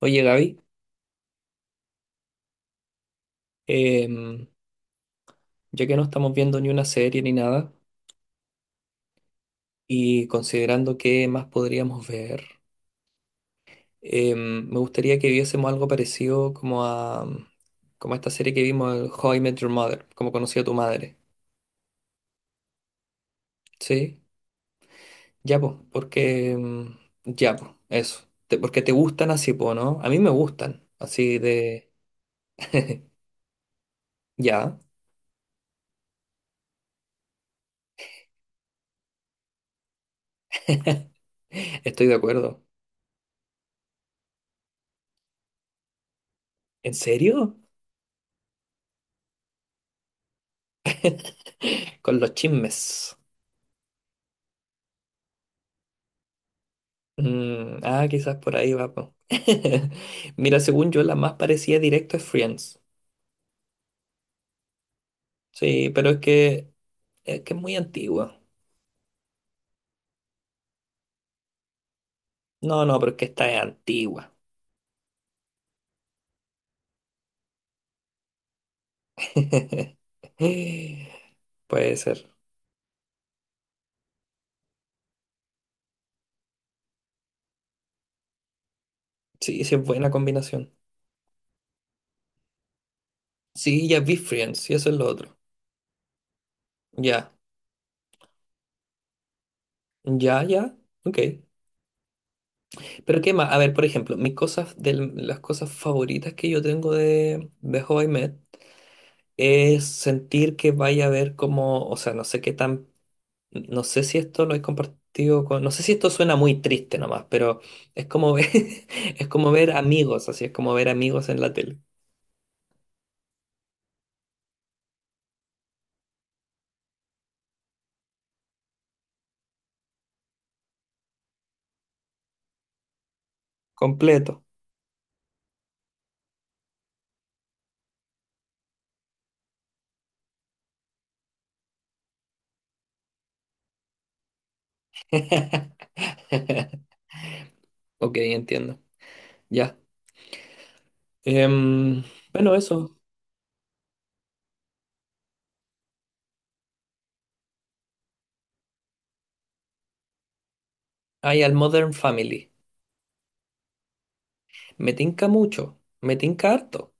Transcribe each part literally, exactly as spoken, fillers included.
Oye, Gaby, em, ya que no estamos viendo ni una serie ni nada, y considerando qué más podríamos ver, em, me gustaría que viésemos algo parecido como a, como a esta serie que vimos, el How I Met Your Mother, como conocí a tu madre, ¿sí? Ya, pues, porque, em, ya, pues, eso, Te- porque te gustan así, pues, ¿no? A mí me gustan, así de, ya, estoy de acuerdo. ¿En serio? Con los chismes. Mm, ah, quizás por ahí va. Po. Mira, según yo, la más parecida directo es Friends. Sí, pero es que es que es muy antigua. No, no, pero es que esta es antigua. Puede ser. Sí, sí, es buena combinación. Sí, ya vi Friends, y eso es lo otro. Ya, ya, ya. Ok. Pero qué más, a ver, por ejemplo, mis cosas de las cosas favoritas que yo tengo de, de How I Met es sentir que vaya a ver como, o sea, no sé qué tan No sé si esto lo he compartido con... No sé si esto suena muy triste nomás, pero es como ver, es como ver amigos, así es como ver amigos en la tele. Completo. Ok, entiendo. Ya. Em, bueno, eso. Hay al Modern Family. Me tinca mucho. Me tinca harto.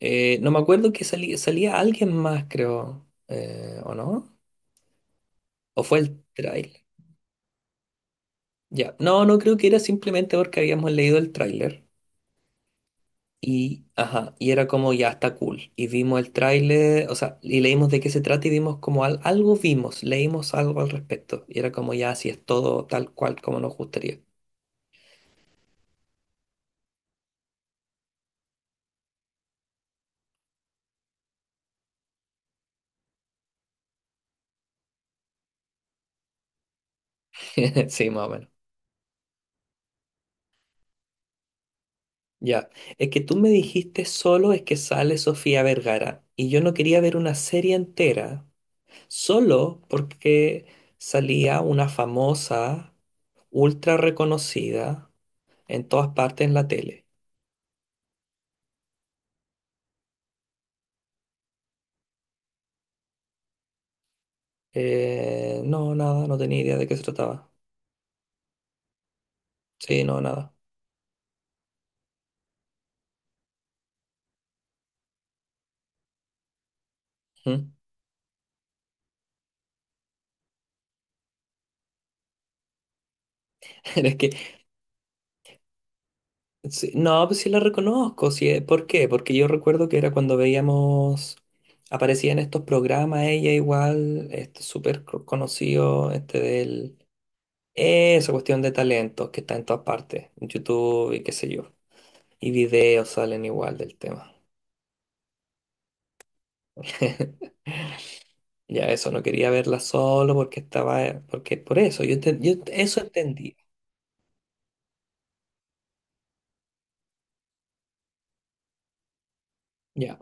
Eh, no me acuerdo que salí- salía alguien más, creo. Eh, ¿o no? ¿O fue el tráiler? Ya. No, no creo que era simplemente porque habíamos leído el tráiler. Y, ajá, y era como ya está cool. Y vimos el tráiler, o sea, y leímos de qué se trata y vimos como al- algo vimos, leímos algo al respecto. Y era como ya, si es todo tal cual como nos gustaría. Sí, más o menos. Ya. Es que tú me dijiste solo es que sale Sofía Vergara. Y yo no quería ver una serie entera, solo porque salía una famosa, ultra reconocida en todas partes en la tele. Eh, no, nada, no tenía idea de qué se trataba. Sí, no, nada. Ujú. Es que, sí, no, pues sí la reconozco. Sí, eh, ¿por qué? Porque yo recuerdo que era cuando veíamos, aparecía en estos programas ella igual, este súper co- conocido, este del, esa cuestión de talentos que está en todas partes, en YouTube y qué sé yo. Y videos salen igual del tema. Ya eso, no quería verla solo porque estaba, eh, porque por eso, yo, enten- yo eso entendí. Ya,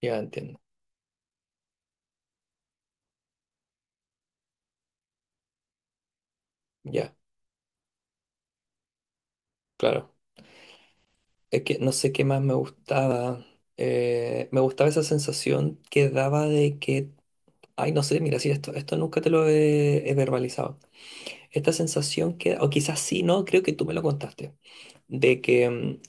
ya entiendo. Ya, claro. Es que no sé qué más me gustaba. Eh, me gustaba esa sensación que daba de que, ay, no sé, mira, sí, esto, esto nunca te lo he, he verbalizado. Esta sensación que, o quizás sí, no, creo que tú me lo contaste, de que mm,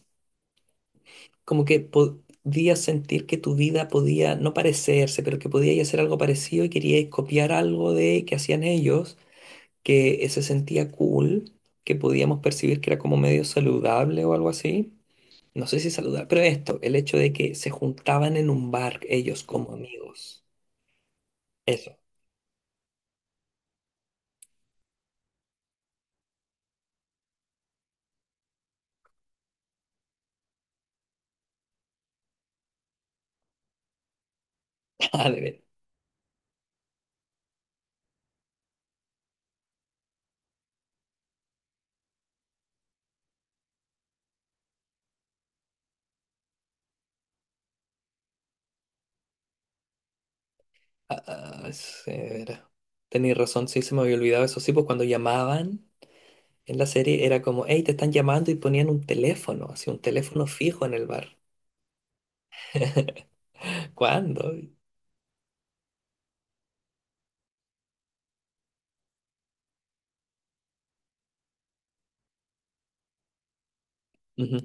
como que podías sentir que tu vida podía no parecerse, pero que podías hacer algo parecido y queríais copiar algo de que hacían ellos, que eh, se sentía cool, que podíamos percibir que era como medio saludable o algo así no sé si saludar, pero esto, el hecho de que se juntaban en un bar ellos como amigos. Eso. Ah, de ver. Ah, ah, sí, de veras. Tenéis razón, sí, se me había olvidado eso. Sí, pues cuando llamaban en la serie era como, hey, te están llamando y ponían un teléfono, así un teléfono fijo en el bar. ¿Cuándo? Ujú.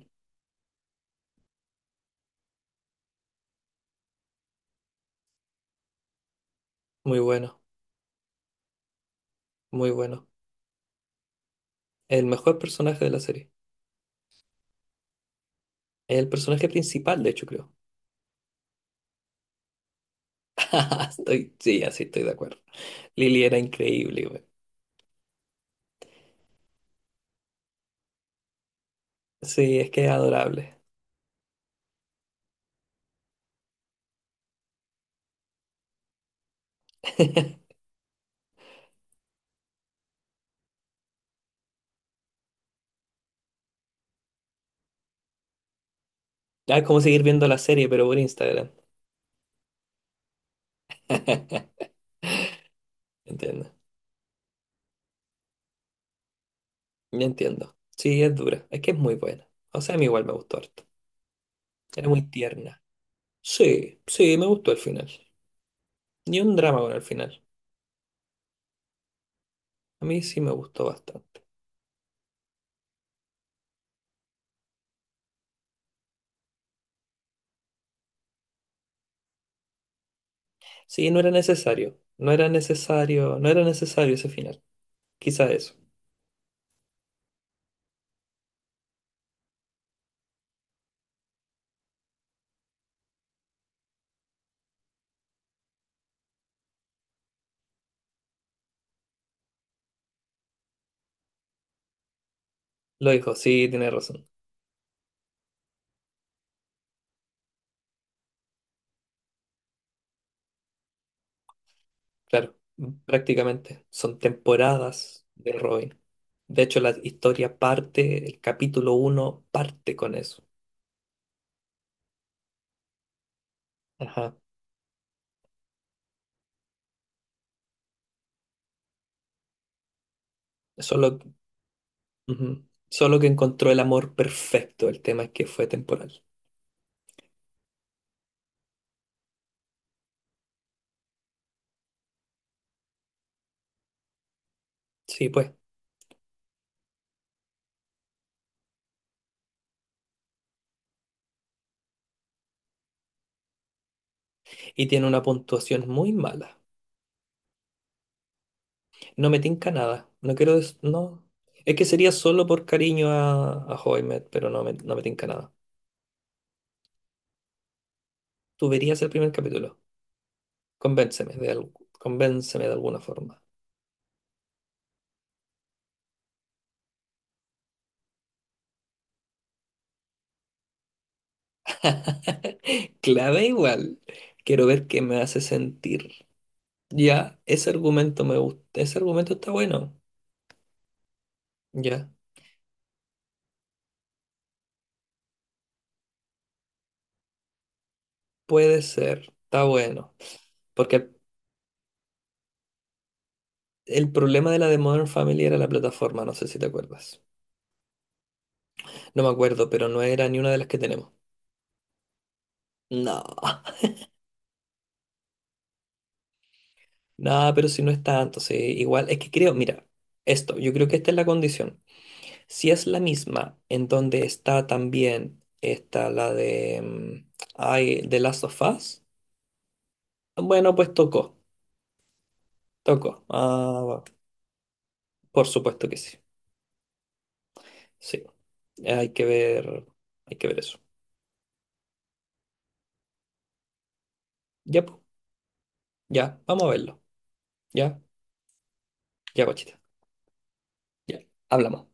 Muy bueno, muy bueno. El mejor personaje de la serie. El personaje principal, de hecho, creo. Estoy, sí, así estoy de acuerdo. Lily era increíble, güey. Sí, es que es adorable. Ah, es como seguir viendo la serie, pero por Instagram. Entiendo, ya entiendo. Sí, es dura. Es que es muy buena. O sea, a mí igual me gustó harto. Era muy tierna. Sí, sí, me gustó el final. Ni un drama con el final. A mí sí me gustó bastante. Sí, no era necesario. No era necesario, no era necesario ese final. Quizá eso. Lo dijo, sí, tiene razón. Claro, prácticamente son temporadas de Robin. De hecho, la historia parte, el capítulo uno parte con eso. Ajá. Solo Ujú. Solo que encontró el amor perfecto, el tema es que fue temporal. Sí, pues. Y tiene una puntuación muy mala. No me tinca nada. No quiero des- No. Es que sería solo por cariño a, a Hoymet, pero no me, no me tinca nada. Tú verías el primer capítulo. Convénceme de algo. Convénceme de alguna forma. Clave igual. Quiero ver qué me hace sentir. Ya, ese argumento me gusta. Ese argumento está bueno. Ya. Puede ser. Está bueno. Porque el problema de la de Modern Family era la plataforma, no sé si te acuerdas. No me acuerdo, pero no era ni una de las que tenemos. No, no, pero si no es tanto, sí, igual, es que creo, mira, esto, yo creo que esta es la condición. Si es la misma en donde está también, está la de, mm, ay, The Last of Us, bueno, pues tocó, tocó. Ah, bueno, por supuesto que sí, sí, hay que ver, hay que ver eso. Ya, pu, ya, vamos a verlo, ya, ya, guachita, ya, hablamos.